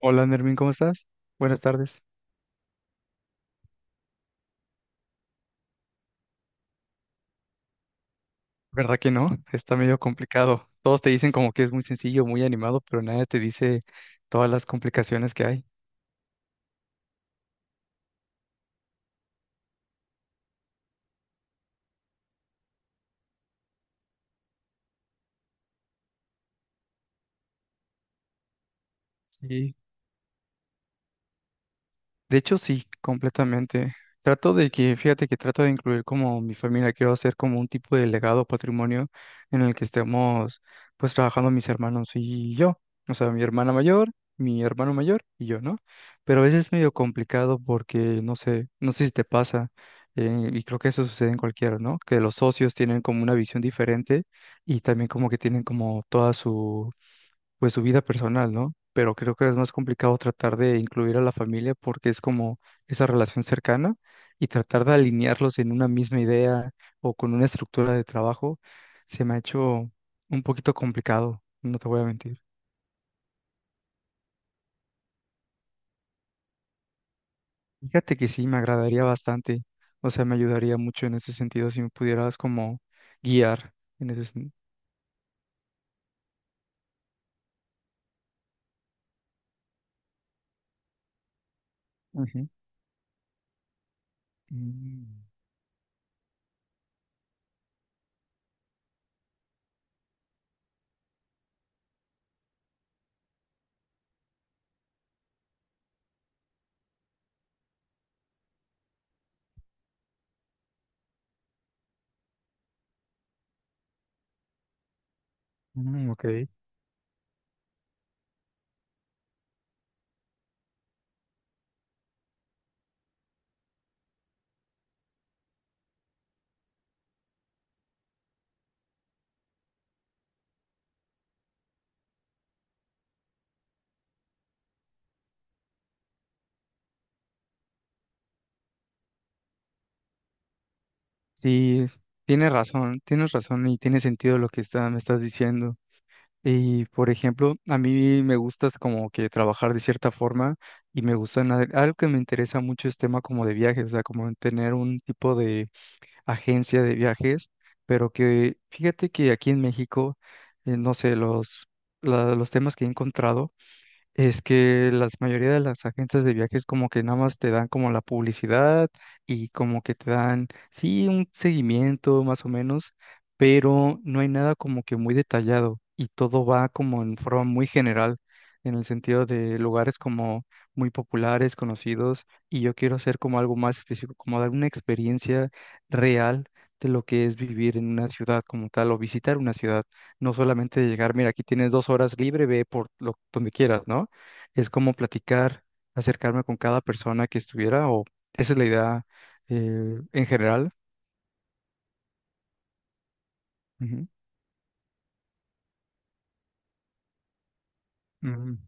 Hola, Nermin, ¿cómo estás? Buenas tardes. ¿Verdad que no? Está medio complicado. Todos te dicen como que es muy sencillo, muy animado, pero nadie te dice todas las complicaciones que hay. Sí. De hecho, sí, completamente. Trato de que, fíjate que trato de incluir como mi familia, quiero hacer como un tipo de legado patrimonio en el que estemos pues trabajando mis hermanos y yo. O sea, mi hermana mayor, mi hermano mayor y yo, ¿no? Pero a veces es medio complicado porque, no sé si te pasa, y creo que eso sucede en cualquiera, ¿no? Que los socios tienen como una visión diferente y también como que tienen como toda pues su vida personal, ¿no? Pero creo que es más complicado tratar de incluir a la familia porque es como esa relación cercana y tratar de alinearlos en una misma idea o con una estructura de trabajo se me ha hecho un poquito complicado, no te voy a mentir. Fíjate que sí, me agradaría bastante, o sea, me ayudaría mucho en ese sentido si me pudieras como guiar en ese sentido. Ujú. Mm, ok. Sí, tienes razón y tiene sentido lo que está, me estás diciendo. Y por ejemplo, a mí me gusta como que trabajar de cierta forma y me gusta algo que me interesa mucho es tema como de viajes, o sea, como en tener un tipo de agencia de viajes, pero que fíjate que aquí en México, no sé, los temas que he encontrado es que la mayoría de las agencias de viajes como que nada más te dan como la publicidad y como que te dan, sí, un seguimiento más o menos, pero no hay nada como que muy detallado y todo va como en forma muy general, en el sentido de lugares como muy populares, conocidos, y yo quiero hacer como algo más específico, como dar una experiencia real de lo que es vivir en una ciudad como tal o visitar una ciudad, no solamente llegar, mira, aquí tienes dos horas libre, ve por lo, donde quieras, ¿no? Es como platicar, acercarme con cada persona que estuviera, o esa es la idea en general. Ujú, ujú,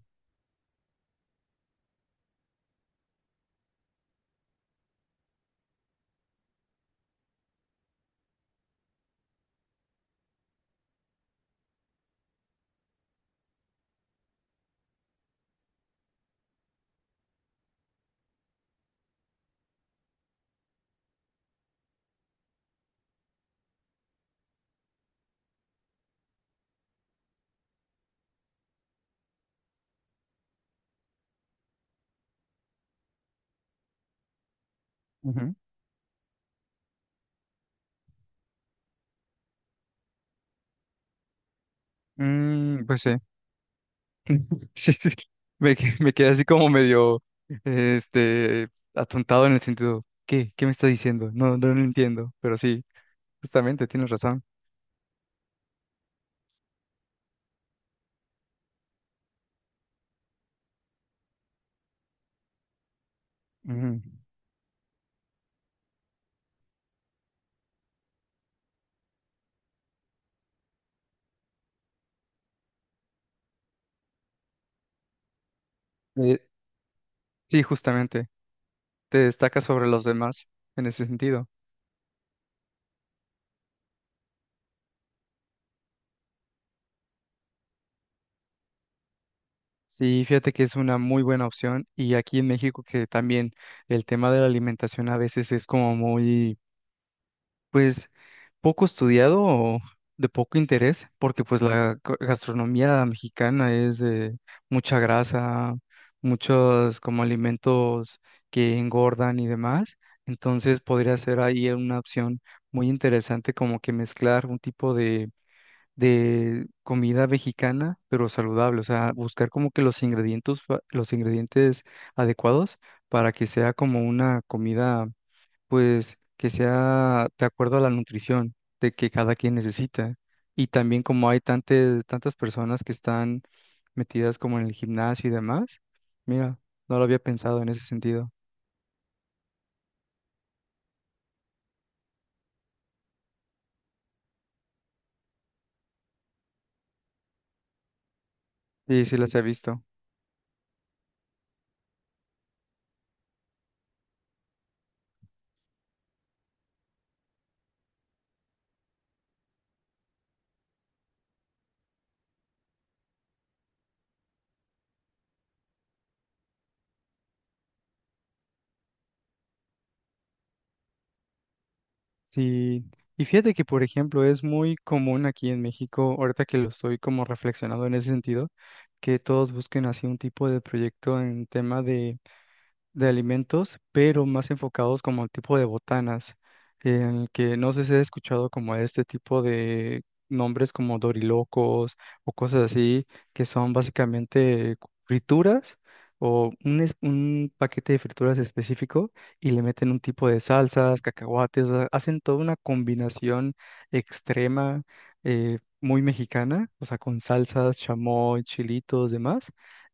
ujú. Mm, pues sí, sí, sí. Me quedé así como medio, este, atontado en el sentido, ¿qué? ¿Qué me está diciendo? No, no, lo entiendo, pero sí, justamente, tienes razón. Ujú. Eh, sí, justamente, te destacas sobre los demás en ese sentido. Sí, fíjate que es una muy buena opción y aquí en México que también el tema de la alimentación a veces es como muy, pues, poco estudiado o de poco interés, porque pues la gastronomía mexicana es de mucha grasa, muchos como alimentos que engordan y demás, entonces podría ser ahí una opción muy interesante como que mezclar un tipo de comida mexicana, pero saludable, o sea, buscar como que los ingredientes, los ingredientes adecuados para que sea como una comida, pues, que sea de acuerdo a la nutrición de que cada quien necesita. Y también como hay tantas, tantas personas que están metidas como en el gimnasio y demás, mira, no lo había pensado en ese sentido. Sí, sí las he visto. Sí, y fíjate que, por ejemplo, es muy común aquí en México, ahorita que lo estoy como reflexionando en ese sentido, que todos busquen así un tipo de proyecto en tema de alimentos, pero más enfocados como al tipo de botanas, en el que no sé si has escuchado como este tipo de nombres como dorilocos o cosas así, que son básicamente frituras o un, un paquete de frituras específico y le meten un tipo de salsas, cacahuates, o sea, hacen toda una combinación extrema, muy mexicana, o sea, con salsas, chamoy, chilitos, demás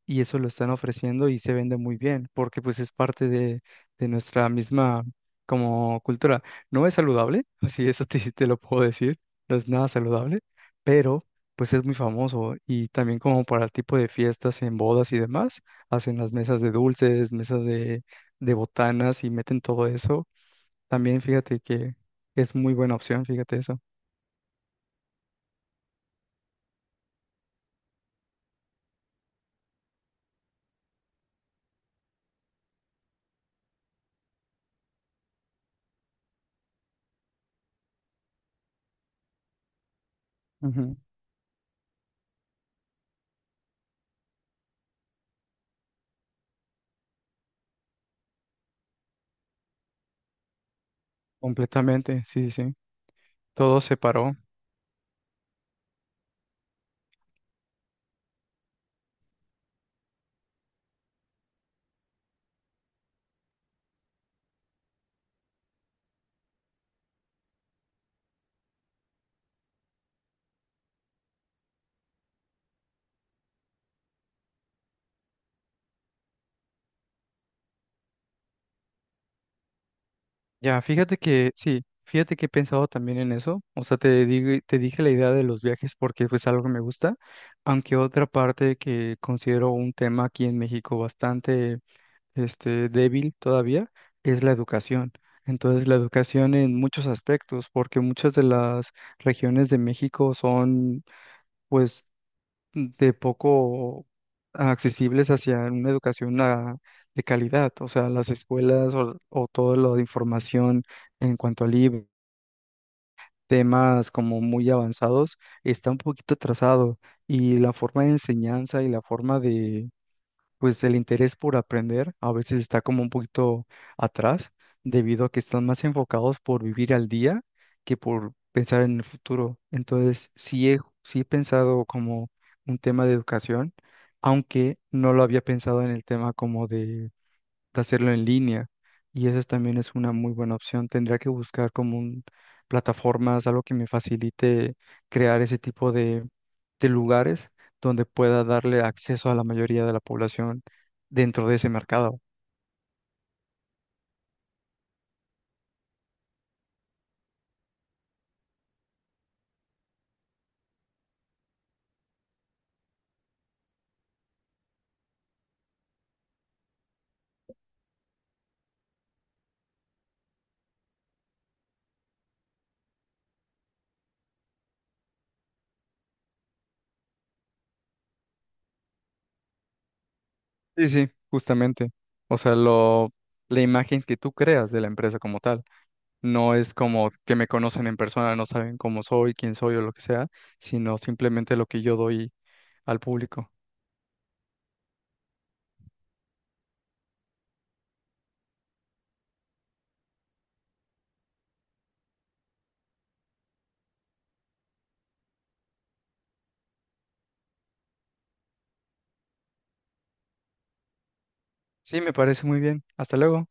y eso lo están ofreciendo y se vende muy bien, porque pues es parte de nuestra misma como cultura. No es saludable, así eso te, te lo puedo decir, no es nada saludable, pero pues es muy famoso y también como para el tipo de fiestas en bodas y demás, hacen las mesas de dulces, mesas de botanas y meten todo eso. También fíjate que es muy buena opción, fíjate eso. Ujú, completamente, sí, sí, sí. Todo se paró. Ya, fíjate que sí, fíjate que he pensado también en eso. O sea, te digo, te dije la idea de los viajes porque es algo que me gusta, aunque otra parte que considero un tema aquí en México bastante este débil todavía es la educación. Entonces, la educación en muchos aspectos, porque muchas de las regiones de México son pues de poco accesibles hacia una educación de calidad, o sea, las escuelas o todo lo de información en cuanto a libros, temas como muy avanzados, está un poquito atrasado y la forma de enseñanza y la forma de pues el interés por aprender a veces está como un poquito atrás, debido a que están más enfocados por vivir al día que por pensar en el futuro. Entonces, sí he pensado como un tema de educación, aunque no lo había pensado en el tema como de hacerlo en línea. Y eso también es una muy buena opción. Tendría que buscar como un, plataformas, algo que me facilite crear ese tipo de lugares donde pueda darle acceso a la mayoría de la población dentro de ese mercado. Sí, sí, justamente. O sea, lo, la imagen que tú creas de la empresa como tal. No es como que me conocen en persona, no saben cómo soy, quién soy o lo que sea, sino simplemente lo que yo doy al público. Sí, me parece muy bien. Hasta luego.